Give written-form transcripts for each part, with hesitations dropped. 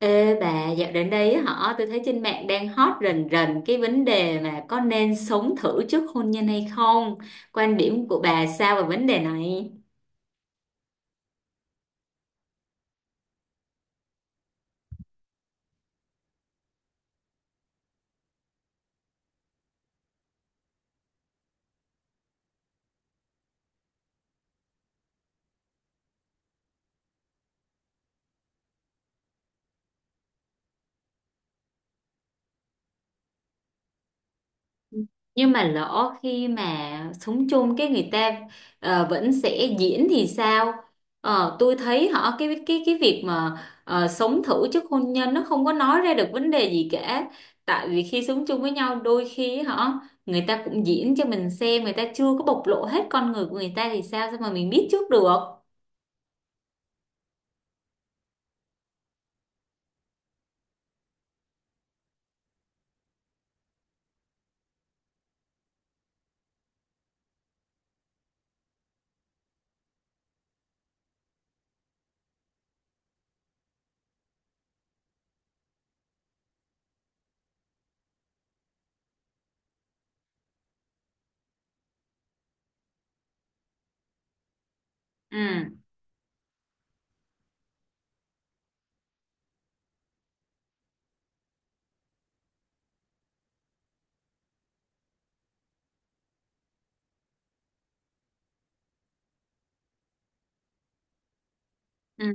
Ê bà, dạo đến đây á hả, tôi thấy trên mạng đang hot rần rần cái vấn đề mà có nên sống thử trước hôn nhân hay không? Quan điểm của bà sao về vấn đề này? Nhưng mà lỡ khi mà sống chung cái người ta vẫn sẽ diễn thì sao? Tôi thấy cái việc mà sống thử trước hôn nhân nó không có nói ra được vấn đề gì cả. Tại vì khi sống chung với nhau đôi khi người ta cũng diễn cho mình xem, người ta chưa có bộc lộ hết con người của người ta thì sao sao mà mình biết trước được. Ừ. Ừ.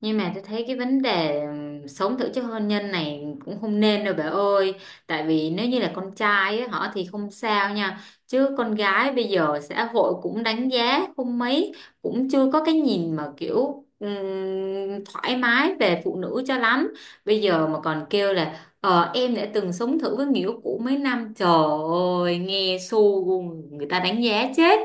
Nhưng mà tôi thấy cái vấn đề sống thử trước hôn nhân này cũng không nên đâu bà ơi. Tại vì nếu như là con trai ấy, họ thì không sao nha. Chứ con gái bây giờ xã hội cũng đánh giá không mấy. Cũng chưa có cái nhìn mà kiểu thoải mái về phụ nữ cho lắm. Bây giờ mà còn kêu là "Ờ em đã từng sống thử với người yêu cũ mấy năm" Trời ơi nghe xu, người ta đánh giá chết.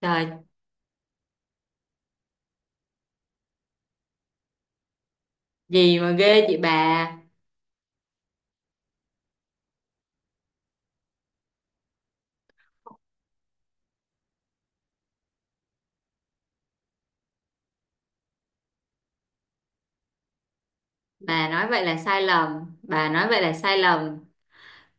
Trời gì mà ghê chị bà. Bà nói vậy là sai lầm, bà nói vậy là sai lầm.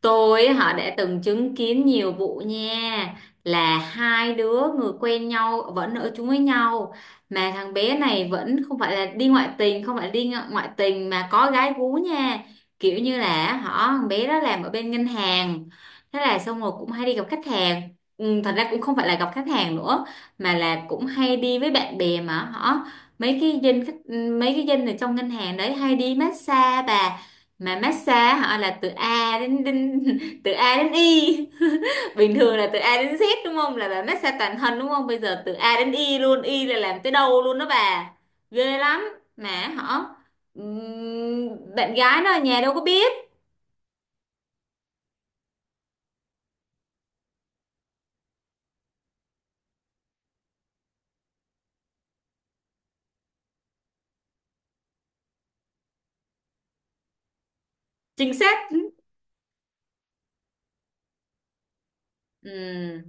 Tôi đã từng chứng kiến nhiều vụ nha, là hai đứa người quen nhau vẫn ở chung với nhau mà thằng bé này vẫn không phải là đi ngoại tình, không phải đi ngoại tình mà có gái gú nha. Kiểu như là thằng bé đó làm ở bên ngân hàng, thế là xong rồi cũng hay đi gặp khách hàng. Ừ, thật ra cũng không phải là gặp khách hàng nữa mà là cũng hay đi với bạn bè, mà họ mấy cái dân khách, ừ, mấy cái dân ở trong ngân hàng đấy hay đi massage bà. Mà massage họ là từ A đến, từ A đến Y bình thường là từ A đến Z đúng không, là bà massage toàn thân đúng không, bây giờ từ A đến Y luôn. Y là làm tới đâu luôn đó bà. Ghê lắm. Mà họ bạn gái nó ở nhà đâu có biết. Chính xác. Ừm,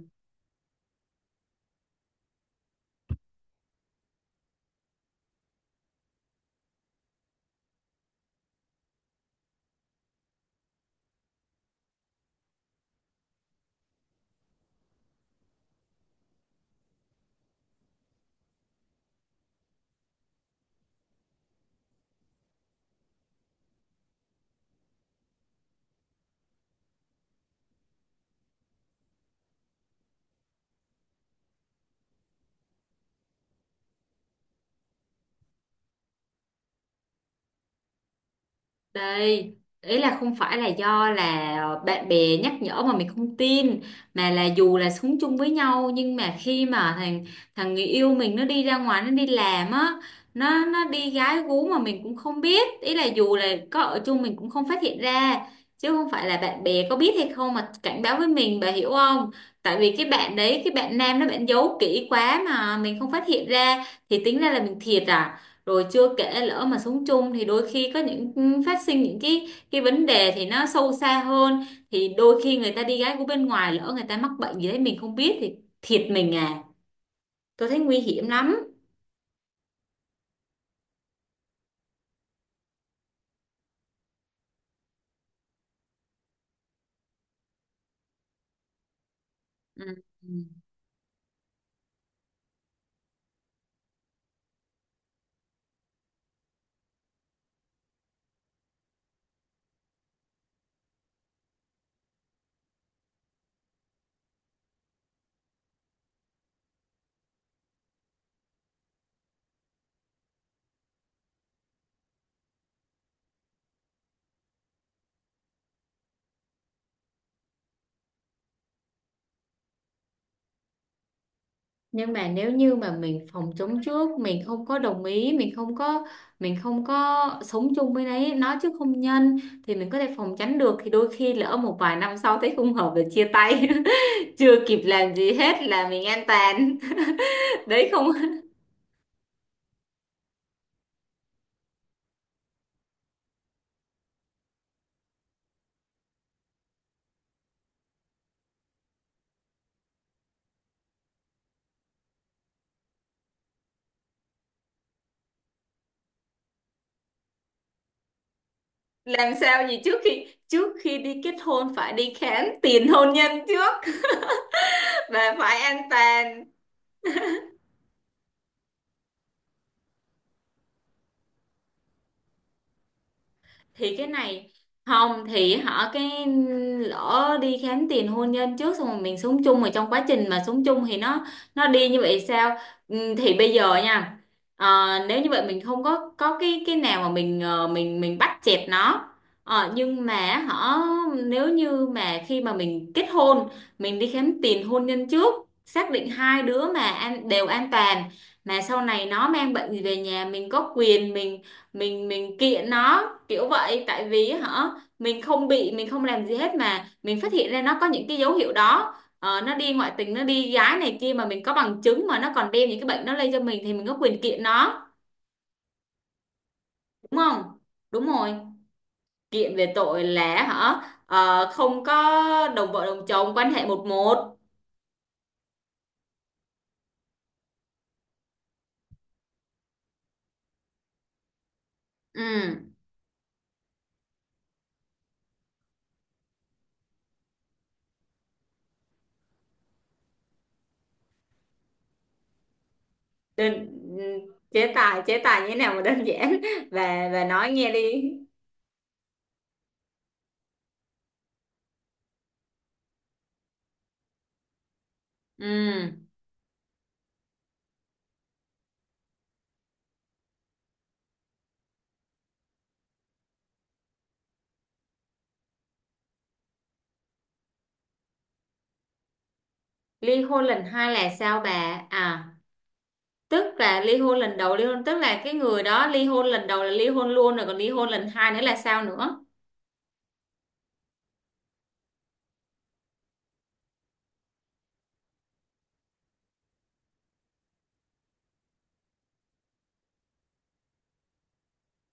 đây, ý là không phải là do là bạn bè nhắc nhở mà mình không tin, mà là dù là sống chung với nhau nhưng mà khi mà thằng thằng người yêu mình nó đi ra ngoài nó đi làm á, nó đi gái gú mà mình cũng không biết. Ý là dù là có ở chung mình cũng không phát hiện ra chứ không phải là bạn bè có biết hay không mà cảnh báo với mình, bà hiểu không? Tại vì cái bạn đấy, cái bạn nam đó bạn giấu kỹ quá mà mình không phát hiện ra thì tính ra là mình thiệt à. Rồi chưa kể lỡ mà sống chung thì đôi khi có những phát sinh những cái vấn đề thì nó sâu xa hơn, thì đôi khi người ta đi gái của bên ngoài lỡ người ta mắc bệnh gì đấy mình không biết thì thiệt mình à. Tôi thấy nguy hiểm lắm. Ừ. Ừ. Nhưng mà nếu như mà mình phòng chống trước, mình không có đồng ý, mình không có sống chung với đấy nó chứ không nhân thì mình có thể phòng tránh được, thì đôi khi lỡ một vài năm sau thấy không hợp là chia tay chưa kịp làm gì hết là mình an toàn đấy không. Làm sao gì, trước khi đi kết hôn phải đi khám tiền hôn nhân trước và phải an toàn. Thì cái này không thì họ lỡ đi khám tiền hôn nhân trước xong rồi mình sống chung mà trong quá trình mà sống chung thì nó đi như vậy sao? Ừ, thì bây giờ nha, nếu như vậy mình không có có cái nào mà mình, mình bắt chẹt nó. Ờ, nhưng mà nếu như mà khi mà mình kết hôn, mình đi khám tiền hôn nhân trước, xác định hai đứa mà an, đều an toàn, mà sau này nó mang bệnh gì về nhà mình có quyền mình, mình kiện nó kiểu vậy. Tại vì hả mình không bị, mình không làm gì hết mà mình phát hiện ra nó có những cái dấu hiệu đó. Ờ, nó đi ngoại tình nó đi gái này kia mà mình có bằng chứng, mà nó còn đem những cái bệnh nó lây cho mình thì mình có quyền kiện nó. Đúng không? Đúng rồi. Kiện về tội là hả, không có đồng vợ đồng chồng quan hệ một một. Ừ. Đơn. Ừ, chế tài như thế nào mà đơn giản và nói nghe đi. Ừ. Ly hôn lần hai là sao bà à? Tức là ly hôn lần đầu, ly hôn tức là cái người đó ly hôn lần đầu là ly hôn luôn rồi, còn ly hôn lần hai nữa là sao nữa?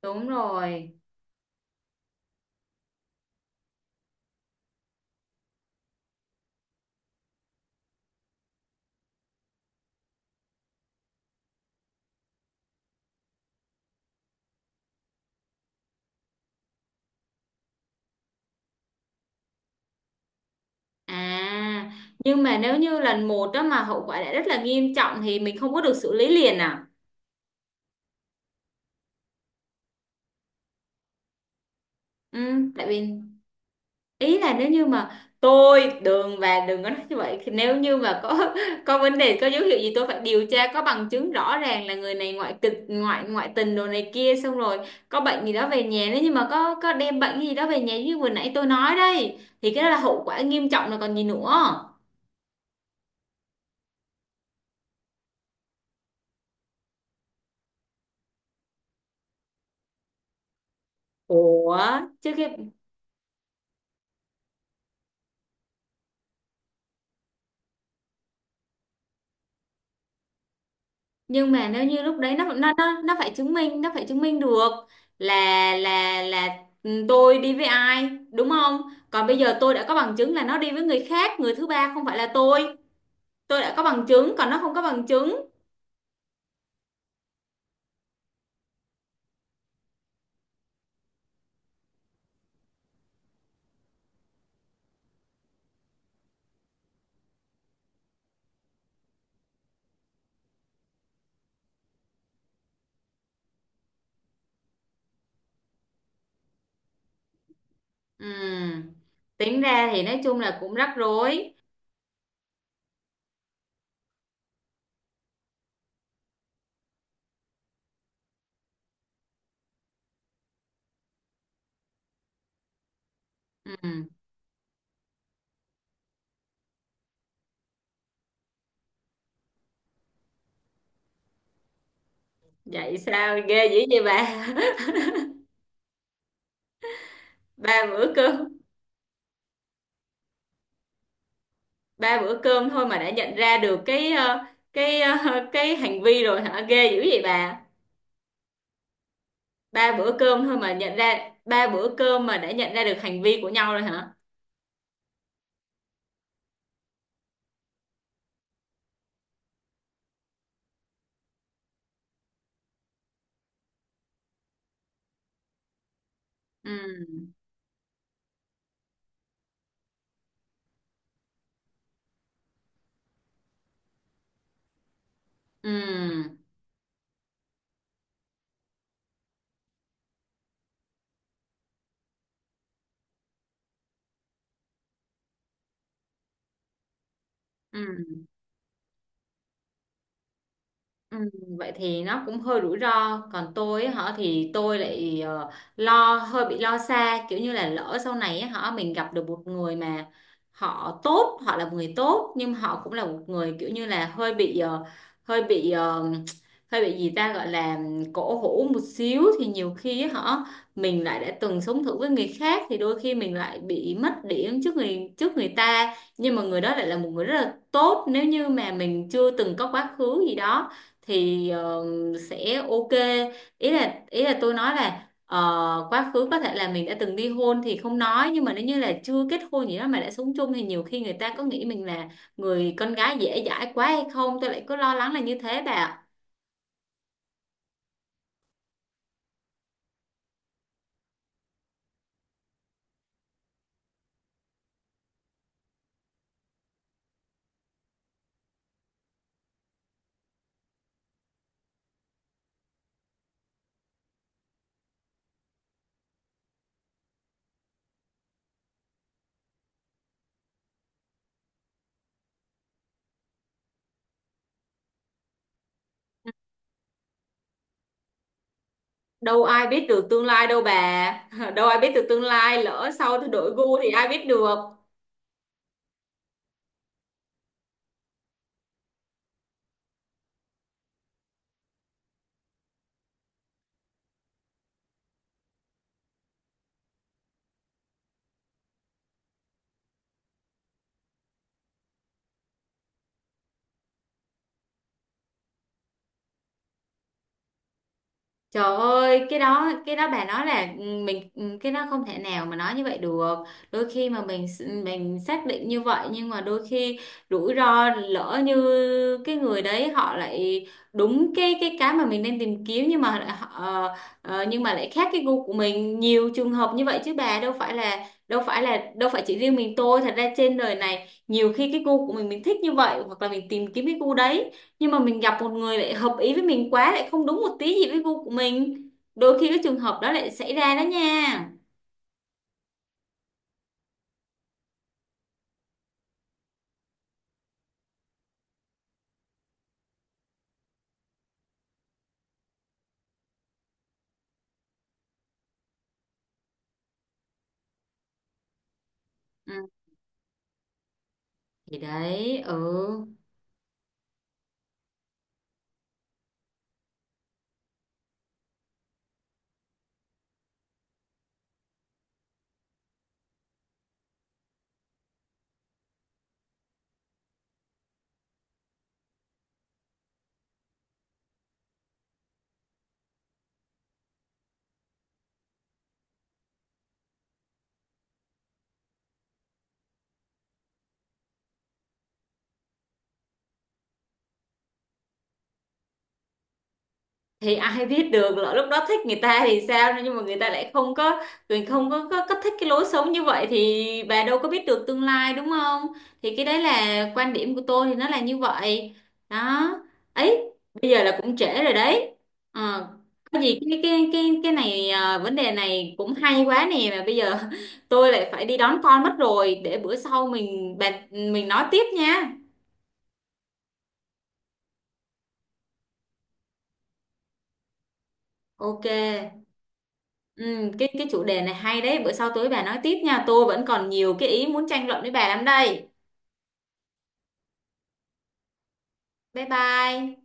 Đúng rồi. À. Nhưng mà nếu như lần một đó mà hậu quả đã rất là nghiêm trọng thì mình không có được xử lý liền à? Ừ. Tại vì ý là nếu như mà tôi đường và đừng có nói như vậy. Thì nếu như mà có có vấn đề có dấu hiệu gì tôi phải điều tra có bằng chứng rõ ràng là người này ngoại kịch ngoại ngoại tình đồ này kia xong rồi có bệnh gì đó về nhà, nếu như mà có đem bệnh gì đó về nhà như vừa nãy tôi nói đây thì cái đó là hậu quả nghiêm trọng rồi còn gì nữa. Ủa. Chứ cái nhưng mà nếu như lúc đấy nó phải chứng minh, nó phải chứng minh được là, là ừ, tôi đi với ai đúng không. Còn bây giờ tôi đã có bằng chứng là nó đi với người khác, người thứ ba, không phải là tôi. Tôi đã có bằng chứng còn nó không có bằng chứng. Ừm, tính ra thì nói chung là cũng rắc rối. Ừm. Vậy sao ghê dữ vậy bà? Ba bữa cơm. Ba bữa cơm thôi mà đã nhận ra được cái cái cái hành vi rồi hả? Ghê dữ vậy bà. Ba bữa cơm thôi mà nhận ra, ba bữa cơm mà đã nhận ra được hành vi của nhau rồi hả? Ừ. Ừ. Ừ. Ừ, vậy thì nó cũng hơi rủi ro. Còn tôi á, hả thì tôi lại lo hơi bị lo xa kiểu như là lỡ sau này á, hả mình gặp được một người mà họ tốt, họ là một người tốt nhưng họ cũng là một người kiểu như là hơi bị hơi bị hơi bị gì ta, gọi là cổ hủ một xíu, thì nhiều khi á, hả mình lại đã từng sống thử với người khác thì đôi khi mình lại bị mất điểm trước người, trước người ta, nhưng mà người đó lại là một người rất là tốt. Nếu như mà mình chưa từng có quá khứ gì đó thì sẽ ok. Ý là tôi nói là quá khứ có thể là mình đã từng ly hôn thì không nói, nhưng mà nếu như là chưa kết hôn gì đó mà đã sống chung thì nhiều khi người ta có nghĩ mình là người con gái dễ dãi quá hay không, tôi lại cứ lo lắng là như thế bà ạ. Đâu ai biết được tương lai đâu bà đâu ai biết được tương lai, lỡ sau tôi đổi gu thì ai biết được. Trời ơi, cái đó bà nói là ừ, mình ừ, cái đó không thể nào mà nói như vậy được. Đôi khi mà mình xác định như vậy nhưng mà đôi khi rủi ro lỡ như cái người đấy họ lại đúng cái mà mình đang tìm kiếm nhưng mà lại ờ, nhưng mà lại khác cái gu của mình. Nhiều trường hợp như vậy chứ bà đâu phải chỉ riêng mình tôi, thật ra trên đời này nhiều khi cái gu của mình thích như vậy hoặc là mình tìm kiếm cái gu đấy nhưng mà mình gặp một người lại hợp ý với mình quá, lại không đúng một tí gì với gu của mình. Đôi khi cái trường hợp đó lại xảy ra đó nha. Ừ. Thì đấy. Ừ. Thì ai biết được lỡ lúc đó thích người ta thì sao, nhưng mà người ta lại không có, mình không có, có thích cái lối sống như vậy, thì bà đâu có biết được tương lai đúng không. Thì cái đấy là quan điểm của tôi thì nó là như vậy. Đó. Ấy. Bây giờ là cũng trễ rồi đấy. Ờ. Có gì cái này à, vấn đề này cũng hay quá nè, mà bây giờ tôi lại phải đi đón con mất rồi, để bữa sau mình bàn, mình nói tiếp nha. Ok. Ừ, cái chủ đề này hay đấy, bữa sau tối bà nói tiếp nha. Tôi vẫn còn nhiều cái ý muốn tranh luận với bà lắm đây. Bye bye.